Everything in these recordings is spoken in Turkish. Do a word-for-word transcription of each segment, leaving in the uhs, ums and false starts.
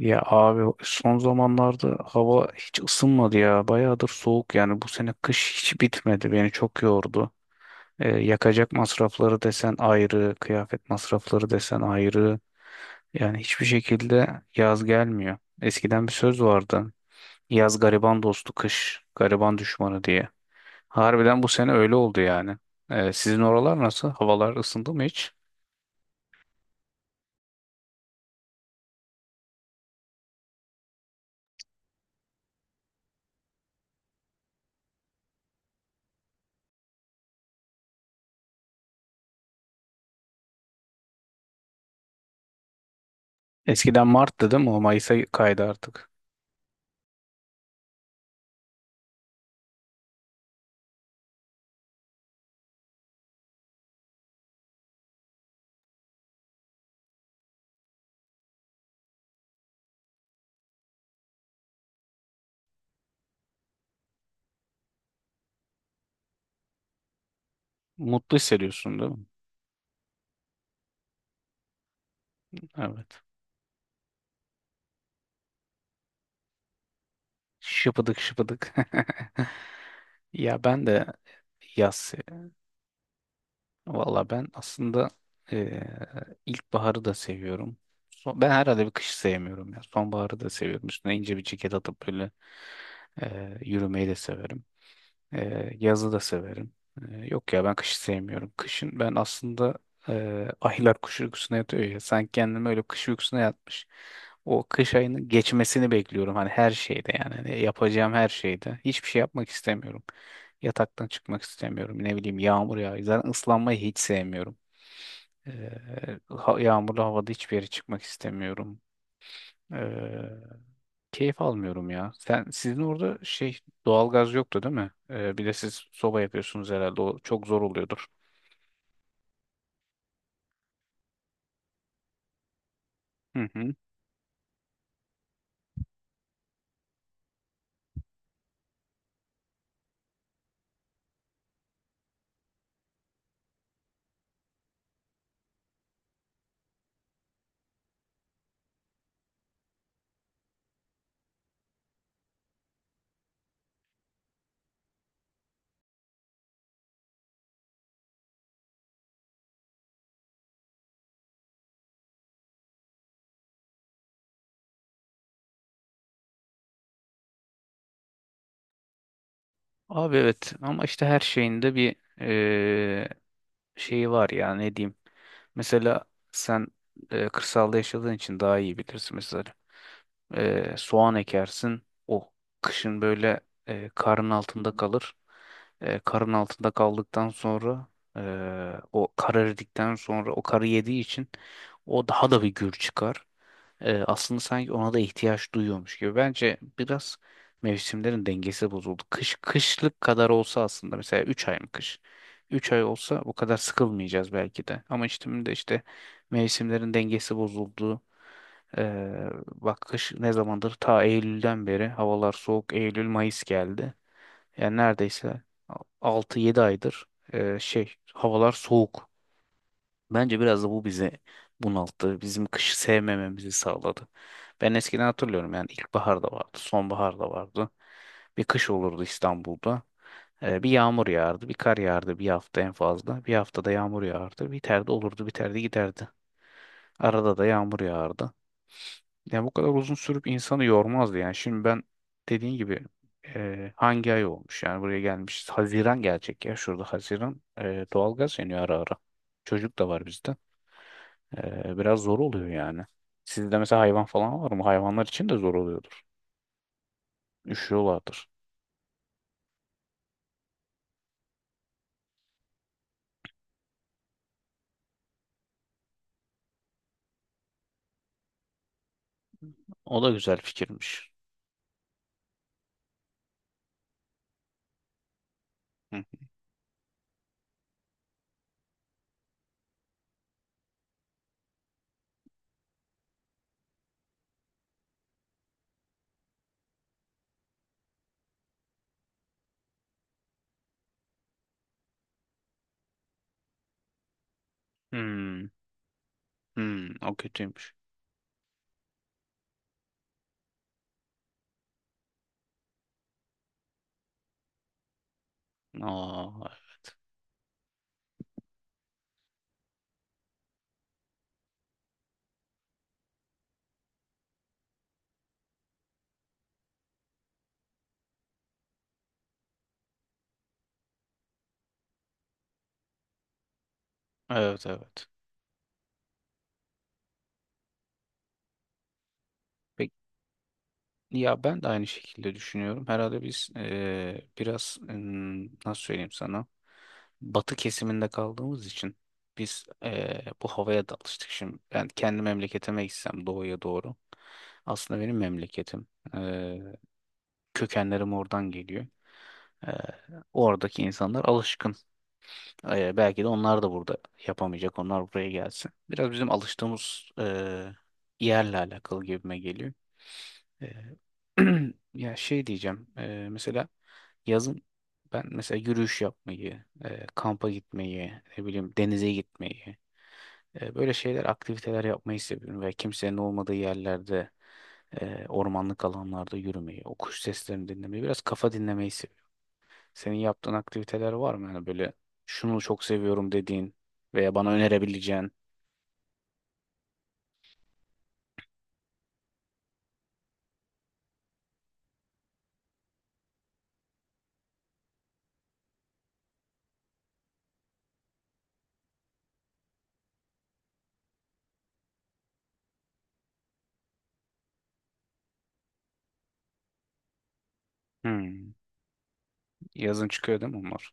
Ya abi son zamanlarda hava hiç ısınmadı ya. Bayağıdır soğuk yani bu sene kış hiç bitmedi. Beni çok yordu. Ee, yakacak masrafları desen ayrı, kıyafet masrafları desen ayrı. Yani hiçbir şekilde yaz gelmiyor. Eskiden bir söz vardı. Yaz gariban dostu, kış gariban düşmanı diye. Harbiden bu sene öyle oldu yani. Ee, sizin oralar nasıl? Havalar ısındı mı hiç? Eskiden Mart'tı değil mi? O Mayıs'a kaydı artık. Mutlu hissediyorsun değil mi? Evet. Şıpıdık şıpıdık. Ya ben de yaz. Valla ben aslında eee ilkbaharı da seviyorum. Son- ben herhalde bir kışı sevmiyorum ya. Sonbaharı da seviyorum. Üstüne ince bir ceket atıp böyle eee, yürümeyi de severim. Ee, yazı da severim. Ee, yok ya ben kışı sevmiyorum. Kışın ben aslında e, aylar kış uykusuna yatıyor ya. Sanki kendimi öyle kış uykusuna yatmış. O kış ayının geçmesini bekliyorum. Hani her şeyde yani. Hani yapacağım her şeyde. Hiçbir şey yapmak istemiyorum. Yataktan çıkmak istemiyorum. Ne bileyim yağmur yağıyor. Zaten ıslanmayı hiç sevmiyorum. Ee, ha- Yağmurlu havada hiçbir yere çıkmak istemiyorum. Ee, Keyif almıyorum ya. Sen sizin orada şey doğalgaz yoktu değil mi? Ee, bir de siz soba yapıyorsunuz herhalde. O çok zor oluyordur. Hı hı. Abi evet ama işte her şeyin de bir eee, şeyi var ya ne diyeyim. Mesela sen eee, kırsalda yaşadığın için daha iyi bilirsin. Mesela Ee, soğan ekersin. O kışın böyle e, karın altında kalır. E, karın altında kaldıktan sonra e, o kar eridikten sonra o karı yediği için o daha da bir gür çıkar. E, aslında sanki ona da ihtiyaç duyuyormuş gibi. Bence biraz mevsimlerin dengesi bozuldu. Kış kışlık kadar olsa aslında mesela üç ay mı kış? Üç ay olsa bu kadar sıkılmayacağız belki de. Ama işte şimdi de işte mevsimlerin dengesi bozuldu. Ee, bak kış ne zamandır ta Eylül'den beri havalar soğuk, Eylül Mayıs geldi. Yani neredeyse altı yedi aydır e, şey havalar soğuk. Bence biraz da bu bizi bunalttı. Bizim kışı sevmememizi sağladı. Ben eskiden hatırlıyorum yani ilkbahar da vardı, sonbahar da vardı. Bir kış olurdu İstanbul'da. Ee, bir yağmur yağardı, bir kar yağardı bir hafta en fazla. Bir haftada yağmur yağardı, biterdi olurdu, biterdi giderdi. Arada da yağmur yağardı. Yani bu kadar uzun sürüp insanı yormazdı yani. Şimdi ben dediğin gibi e, hangi ay olmuş yani buraya gelmişiz. Haziran gelecek ya şurada Haziran. E, doğalgaz yanıyor ara ara. Çocuk da var bizde. E, biraz zor oluyor yani. Sizde mesela hayvan falan var mı? Hayvanlar için de zor oluyordur. Üşüyorlardır. O da güzel fikirmiş. Hı. Hmm, hmm, o kötüymüş. Aa, evet, evet. Peki, ya ben de aynı şekilde düşünüyorum. Herhalde biz e, biraz ım, nasıl söyleyeyim sana? Batı kesiminde kaldığımız için biz eee, bu havaya da alıştık şimdi. Yani kendi memleketime gitsem doğuya doğru. Aslında benim memleketim. Eee, Kökenlerim oradan geliyor. Eee, Oradaki insanlar alışkın. Eee, belki de onlar da burada yapamayacak. Onlar buraya gelsin. Biraz bizim alıştığımız eee, yerle alakalı gibime geliyor. Ee, Ya şey diyeceğim. Ee, mesela yazın ben mesela yürüyüş yapmayı, e, kampa gitmeyi, ne bileyim denize gitmeyi, e, böyle şeyler, aktiviteler yapmayı seviyorum ve kimsenin olmadığı yerlerde, e, ormanlık alanlarda yürümeyi, o kuş seslerini dinlemeyi, biraz kafa dinlemeyi seviyorum. Senin yaptığın aktiviteler var mı? Yani böyle şunu çok seviyorum dediğin veya bana önerebileceğin. Hmm, yazın çıkıyor değil mi onlar?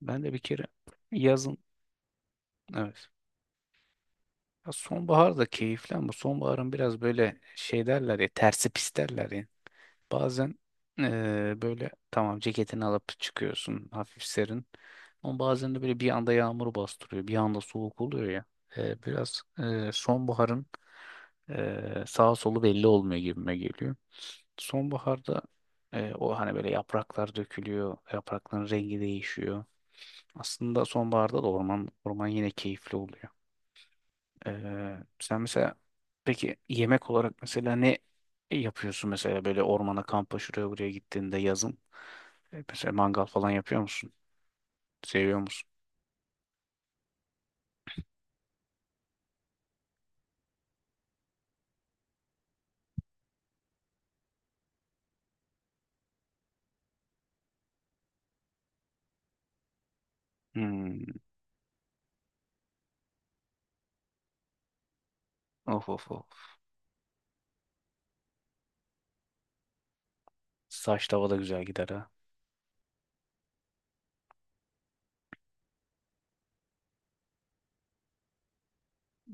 Ben de bir kere yazın, evet. Ya sonbahar da keyifli ama sonbaharın biraz böyle şey derler ya tersi pis derler ya. Bazen eee, böyle tamam ceketini alıp çıkıyorsun hafif serin. Ama bazen de böyle bir anda yağmur bastırıyor. Bir anda soğuk oluyor ya. Eee, biraz eee, sonbaharın eee sağa solu belli olmuyor gibime geliyor. Sonbaharda eee, o hani böyle yapraklar dökülüyor. Yaprakların rengi değişiyor. Aslında sonbaharda da orman orman yine keyifli oluyor. Ee, sen mesela peki yemek olarak mesela ne yapıyorsun mesela böyle ormana kampa şuraya buraya gittiğinde yazın? E, Mesela mangal falan yapıyor musun? Seviyor musun? Hmm. Of of of. Saç tava da güzel gider ha.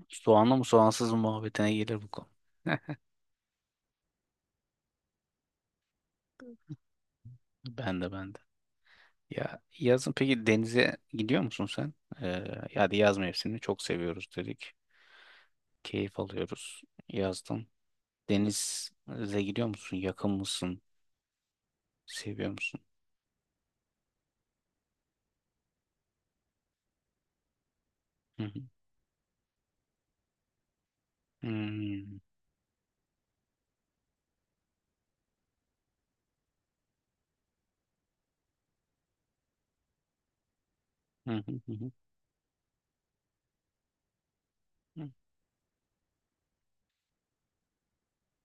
Soğanlı mı soğansız mı muhabbetine gelir bu konu. Heh, ben de, ben de. Ya yazın peki denize gidiyor musun sen? Ee, Ya da yaz mevsimini çok seviyoruz dedik. Keyif alıyoruz yazdan. Denize gidiyor musun? Yakın mısın? Seviyor musun? Hı hı. Hmm. Hı hı, hı hı. Hı.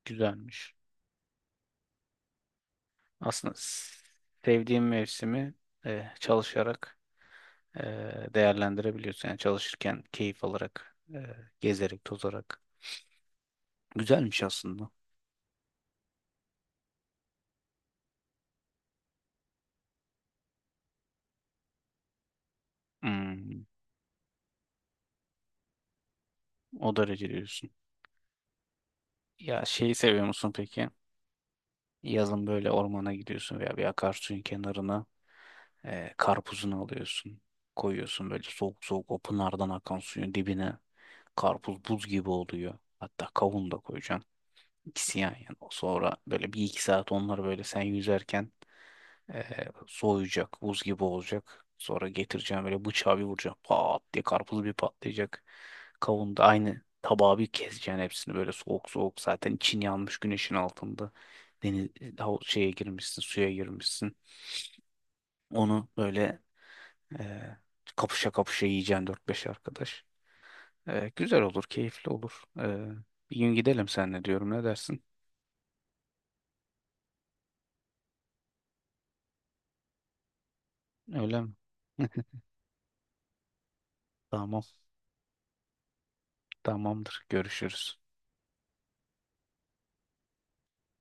Güzelmiş. Aslında s- Sevdiğim mevsimi e, çalışarak e, değerlendirebiliyorsun. Yani çalışırken keyif alarak, e, gezerek, tozarak. Güzelmiş aslında. Hmm. O derece diyorsun. Ya şeyi seviyor musun peki? Yazın böyle ormana gidiyorsun veya bir akarsuyun kenarına e, karpuzunu alıyorsun. Koyuyorsun böyle soğuk soğuk o pınardan akan suyun dibine. Karpuz buz gibi oluyor. Hatta kavun da koyacaksın. İkisi yan yana. Sonra böyle bir iki saat onları böyle sen yüzerken e, soğuyacak. Buz gibi olacak. Sonra getireceğim böyle bıçağı bir vuracağım. Pat diye karpuz bir patlayacak. Kavun da aynı tabağı bir keseceksin hepsini böyle soğuk soğuk. Zaten için yanmış güneşin altında. Deniz e, hav- şeye girmişsin, suya girmişsin. Onu böyle e, kapışa kapışa yiyeceksin dört beş arkadaş. E, güzel olur, keyifli olur. E, bir gün gidelim seninle diyorum. Ne dersin? Öyle mi? Tamam. Tamamdır. Görüşürüz.